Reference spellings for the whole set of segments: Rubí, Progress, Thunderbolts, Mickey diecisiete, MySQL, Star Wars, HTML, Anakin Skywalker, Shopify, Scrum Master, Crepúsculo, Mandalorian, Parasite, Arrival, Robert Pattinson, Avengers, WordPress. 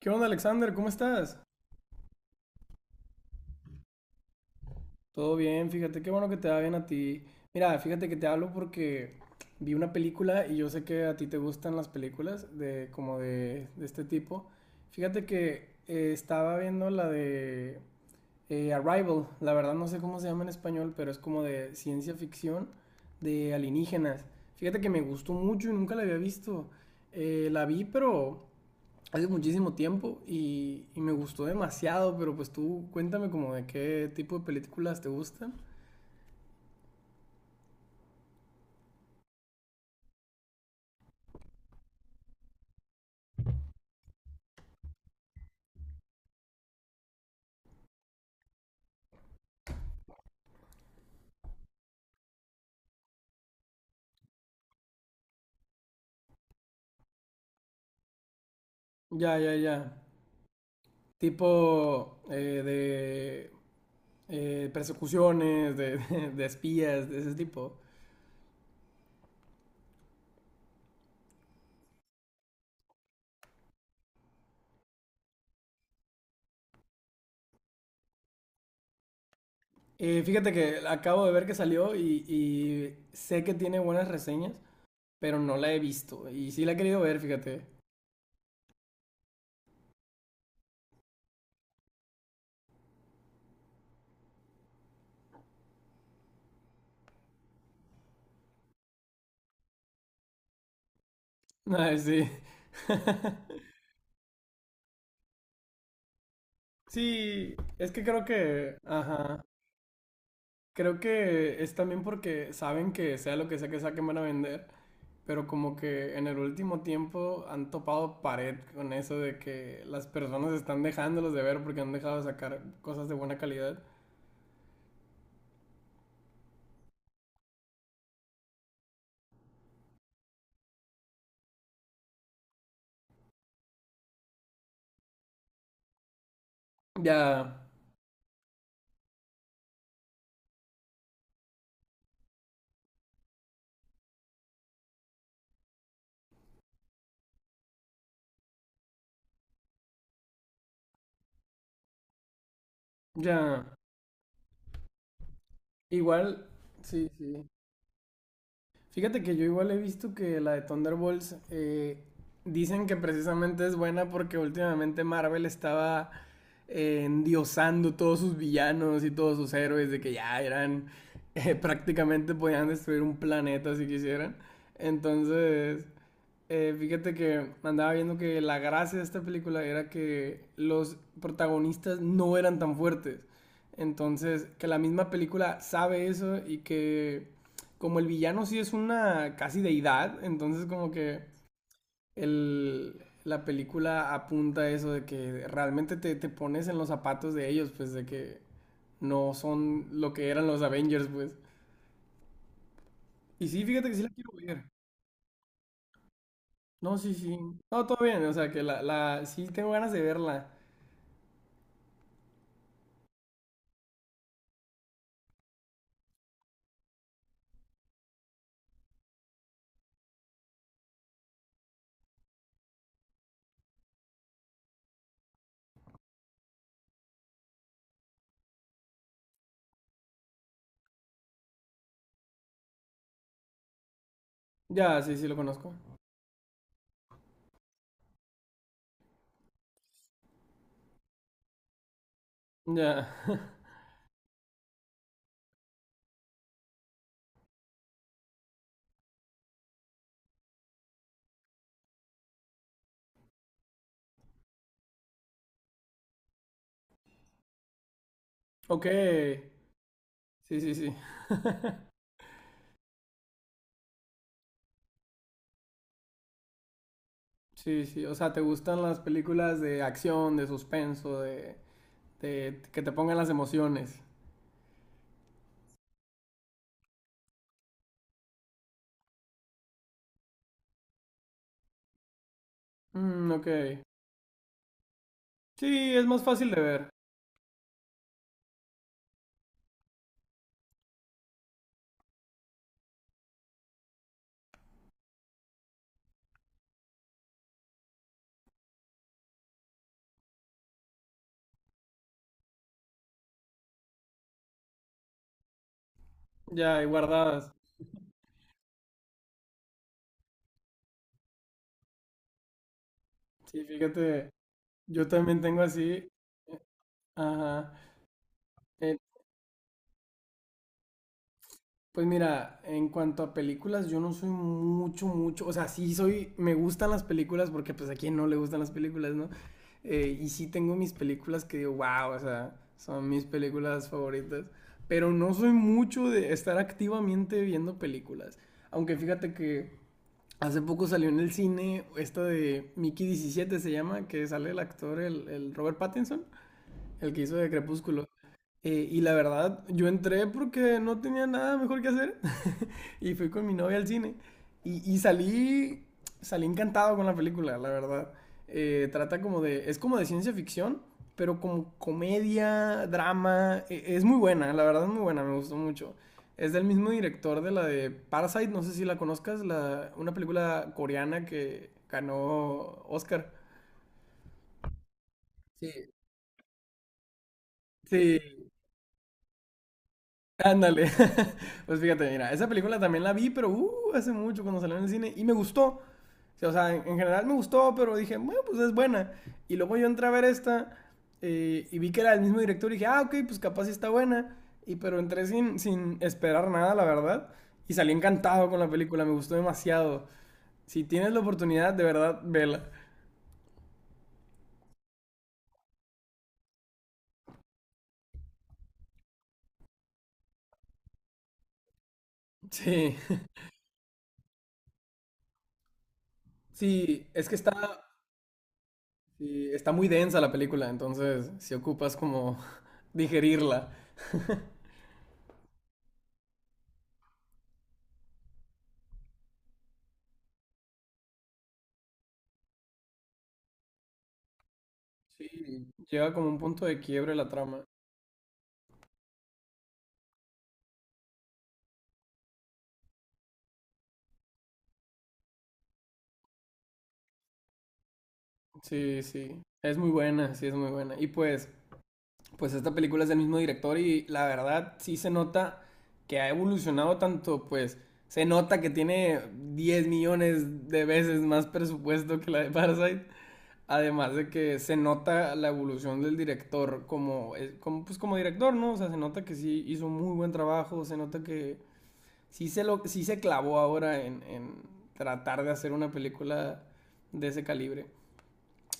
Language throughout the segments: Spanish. ¿Qué onda, Alexander? ¿Cómo estás? Todo bien, fíjate, qué bueno que te va bien a ti. Mira, fíjate que te hablo porque vi una película y yo sé que a ti te gustan las películas de como de este tipo. Fíjate que estaba viendo la de Arrival, la verdad no sé cómo se llama en español, pero es como de ciencia ficción de alienígenas. Fíjate que me gustó mucho y nunca la había visto. La vi, pero hace muchísimo tiempo y me gustó demasiado, pero pues tú cuéntame como de qué tipo de películas te gustan. Ya, ya, ya. Tipo de persecuciones, de, de espías, de ese tipo. Fíjate que acabo de ver que salió y sé que tiene buenas reseñas, pero no la he visto. Y sí la he querido ver, fíjate. Ay, sí. Sí, es que creo que... Ajá. Creo que es también porque saben que sea lo que sea que saquen van a vender, pero como que en el último tiempo han topado pared con eso de que las personas están dejándolos de ver porque han dejado de sacar cosas de buena calidad. Ya, ya. Igual, sí, sí. Fíjate que yo igual he visto que la de Thunderbolts dicen que precisamente es buena porque últimamente Marvel estaba endiosando todos sus villanos y todos sus héroes de que ya eran prácticamente podían destruir un planeta si quisieran. Entonces, fíjate que andaba viendo que la gracia de esta película era que los protagonistas no eran tan fuertes. Entonces, que la misma película sabe eso y que como el villano sí es una casi deidad, entonces como que la película apunta a eso de que realmente te pones en los zapatos de ellos, pues de que no son lo que eran los Avengers, pues. Y sí, fíjate que sí la quiero ver. No, sí, sí. No, todo bien, o sea que la sí tengo ganas de verla. Ya, sí, sí lo conozco. Ya. Ok. Sí, sí, sí. Sí, sí. O sea, ¿te gustan las películas de acción, de suspenso, de que te pongan las emociones? Mm, ok. Sí, es más fácil de ver. Ya, y guardadas. Sí, fíjate, yo también tengo así. Ajá. Eh, pues mira, en cuanto a películas, yo no soy mucho, mucho, o sea, sí soy, me gustan las películas porque pues a quién no le gustan las películas, ¿no? Y sí tengo mis películas que digo, wow, o sea, son mis películas favoritas, pero no soy mucho de estar activamente viendo películas. Aunque fíjate que hace poco salió en el cine esta de Mickey 17 se llama, que sale el actor, el Robert Pattinson. El que hizo de Crepúsculo. Y la verdad, yo entré porque no tenía nada mejor que hacer y fui con mi novia al cine. Y salí encantado con la película, la verdad. Trata como de, es como de ciencia ficción, pero como comedia, drama. Es muy buena, la verdad es muy buena, me gustó mucho. Es del mismo director de la de Parasite, no sé si la conozcas, la, una película coreana que ganó Oscar. Sí, sí, ándale. Pues fíjate, mira, esa película también la vi, pero hace mucho cuando salió en el cine y me gustó. O sea, en general me gustó, pero dije, bueno, pues es buena. Y luego yo entré a ver esta y vi que era el mismo director y dije, ah, ok, pues capaz sí está buena. Y pero entré sin esperar nada, la verdad. Y salí encantado con la película, me gustó demasiado. Si tienes la oportunidad, de verdad, vela. Sí, sí, es que sí, está muy densa la película, entonces si ocupas como digerirla. Sí, llega como un punto de quiebre la trama. Sí, sí. Es muy buena, sí, es muy buena. Y pues esta película es del mismo director y la verdad sí se nota que ha evolucionado tanto, pues se nota que tiene 10 millones de veces más presupuesto que la de Parasite. Además de que se nota la evolución del director pues como director, ¿no? O sea, se nota que sí hizo un muy buen trabajo, se nota que sí se clavó ahora en tratar de hacer una película de ese calibre.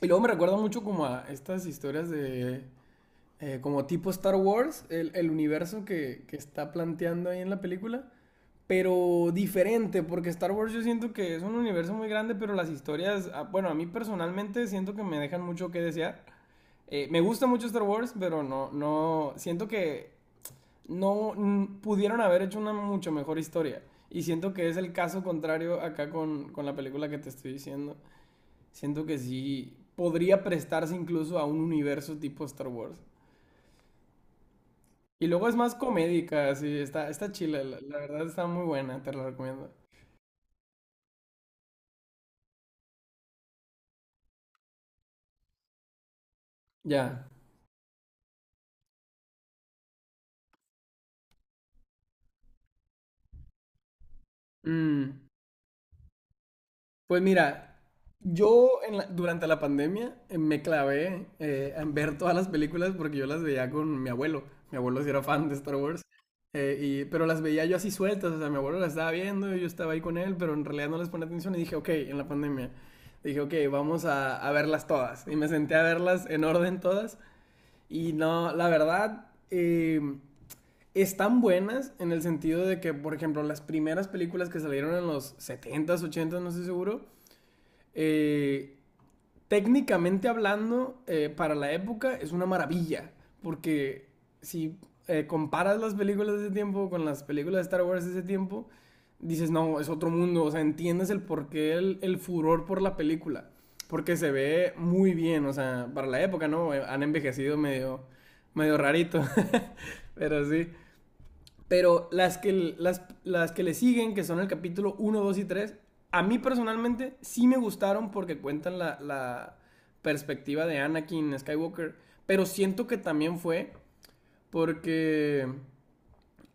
Y luego me recuerda mucho como a estas historias de... como tipo Star Wars, el universo que está planteando ahí en la película, pero diferente, porque Star Wars yo siento que es un universo muy grande, pero las historias, ah, bueno, a mí personalmente siento que me dejan mucho que desear. Me gusta mucho Star Wars, pero no, siento que no mm, pudieron haber hecho una mucho mejor historia. Y siento que es el caso contrario acá con la película que te estoy diciendo. Siento que sí podría prestarse incluso a un universo tipo Star Wars. Y luego es más comédica, sí está chila, la verdad está muy buena, te la recomiendo. Ya. Mm, Pues mira, yo en la- durante la pandemia me clavé en ver todas las películas porque yo las veía con mi abuelo. Mi abuelo sí era fan de Star Wars. Pero las veía yo así sueltas, o sea, mi abuelo las estaba viendo, y yo estaba ahí con él, pero en realidad no les ponía atención y dije, ok, en la pandemia, dije, ok, vamos a verlas todas. Y me senté a verlas en orden todas. Y no, la verdad, están buenas en el sentido de que, por ejemplo, las primeras películas que salieron en los setentas, ochentas, no estoy seguro, eh, técnicamente hablando, para la época es una maravilla, porque si comparas las películas de ese tiempo con las películas de Star Wars de ese tiempo, dices, no, es otro mundo, o sea, entiendes el porqué, el furor por la película, porque se ve muy bien, o sea, para la época, ¿no? Han envejecido medio, medio rarito, pero sí. Pero las que le siguen, que son el capítulo uno 2 y 3 a mí personalmente sí me gustaron porque cuentan la, la perspectiva de Anakin Skywalker. Pero siento que también fue porque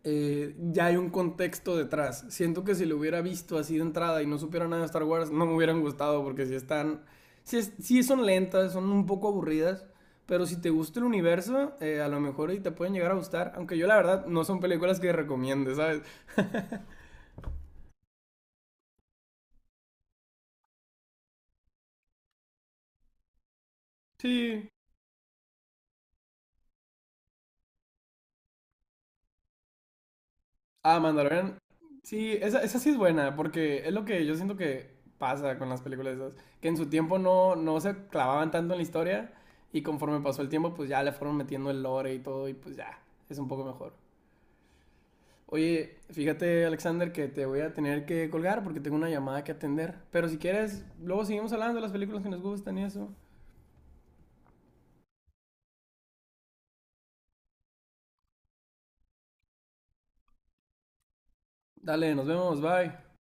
ya hay un contexto detrás. Siento que si lo hubiera visto así de entrada y no supiera nada de Star Wars, no me hubieran gustado porque si están, si, es- si son lentas, son un poco aburridas, pero si te gusta el universo, a lo mejor y te pueden llegar a gustar, aunque yo la verdad no son películas que recomiende, ¿sabes? Sí, ah, Mandalorian. Sí, esa sí es buena, porque es lo que yo siento que pasa con las películas esas, que en su tiempo no se clavaban tanto en la historia y conforme pasó el tiempo, pues ya le fueron metiendo el lore y todo y pues ya, es un poco mejor. Oye, fíjate, Alexander, que te voy a tener que colgar porque tengo una llamada que atender, pero si quieres, luego seguimos hablando de las películas que nos gustan y eso. Dale, nos vemos, bye.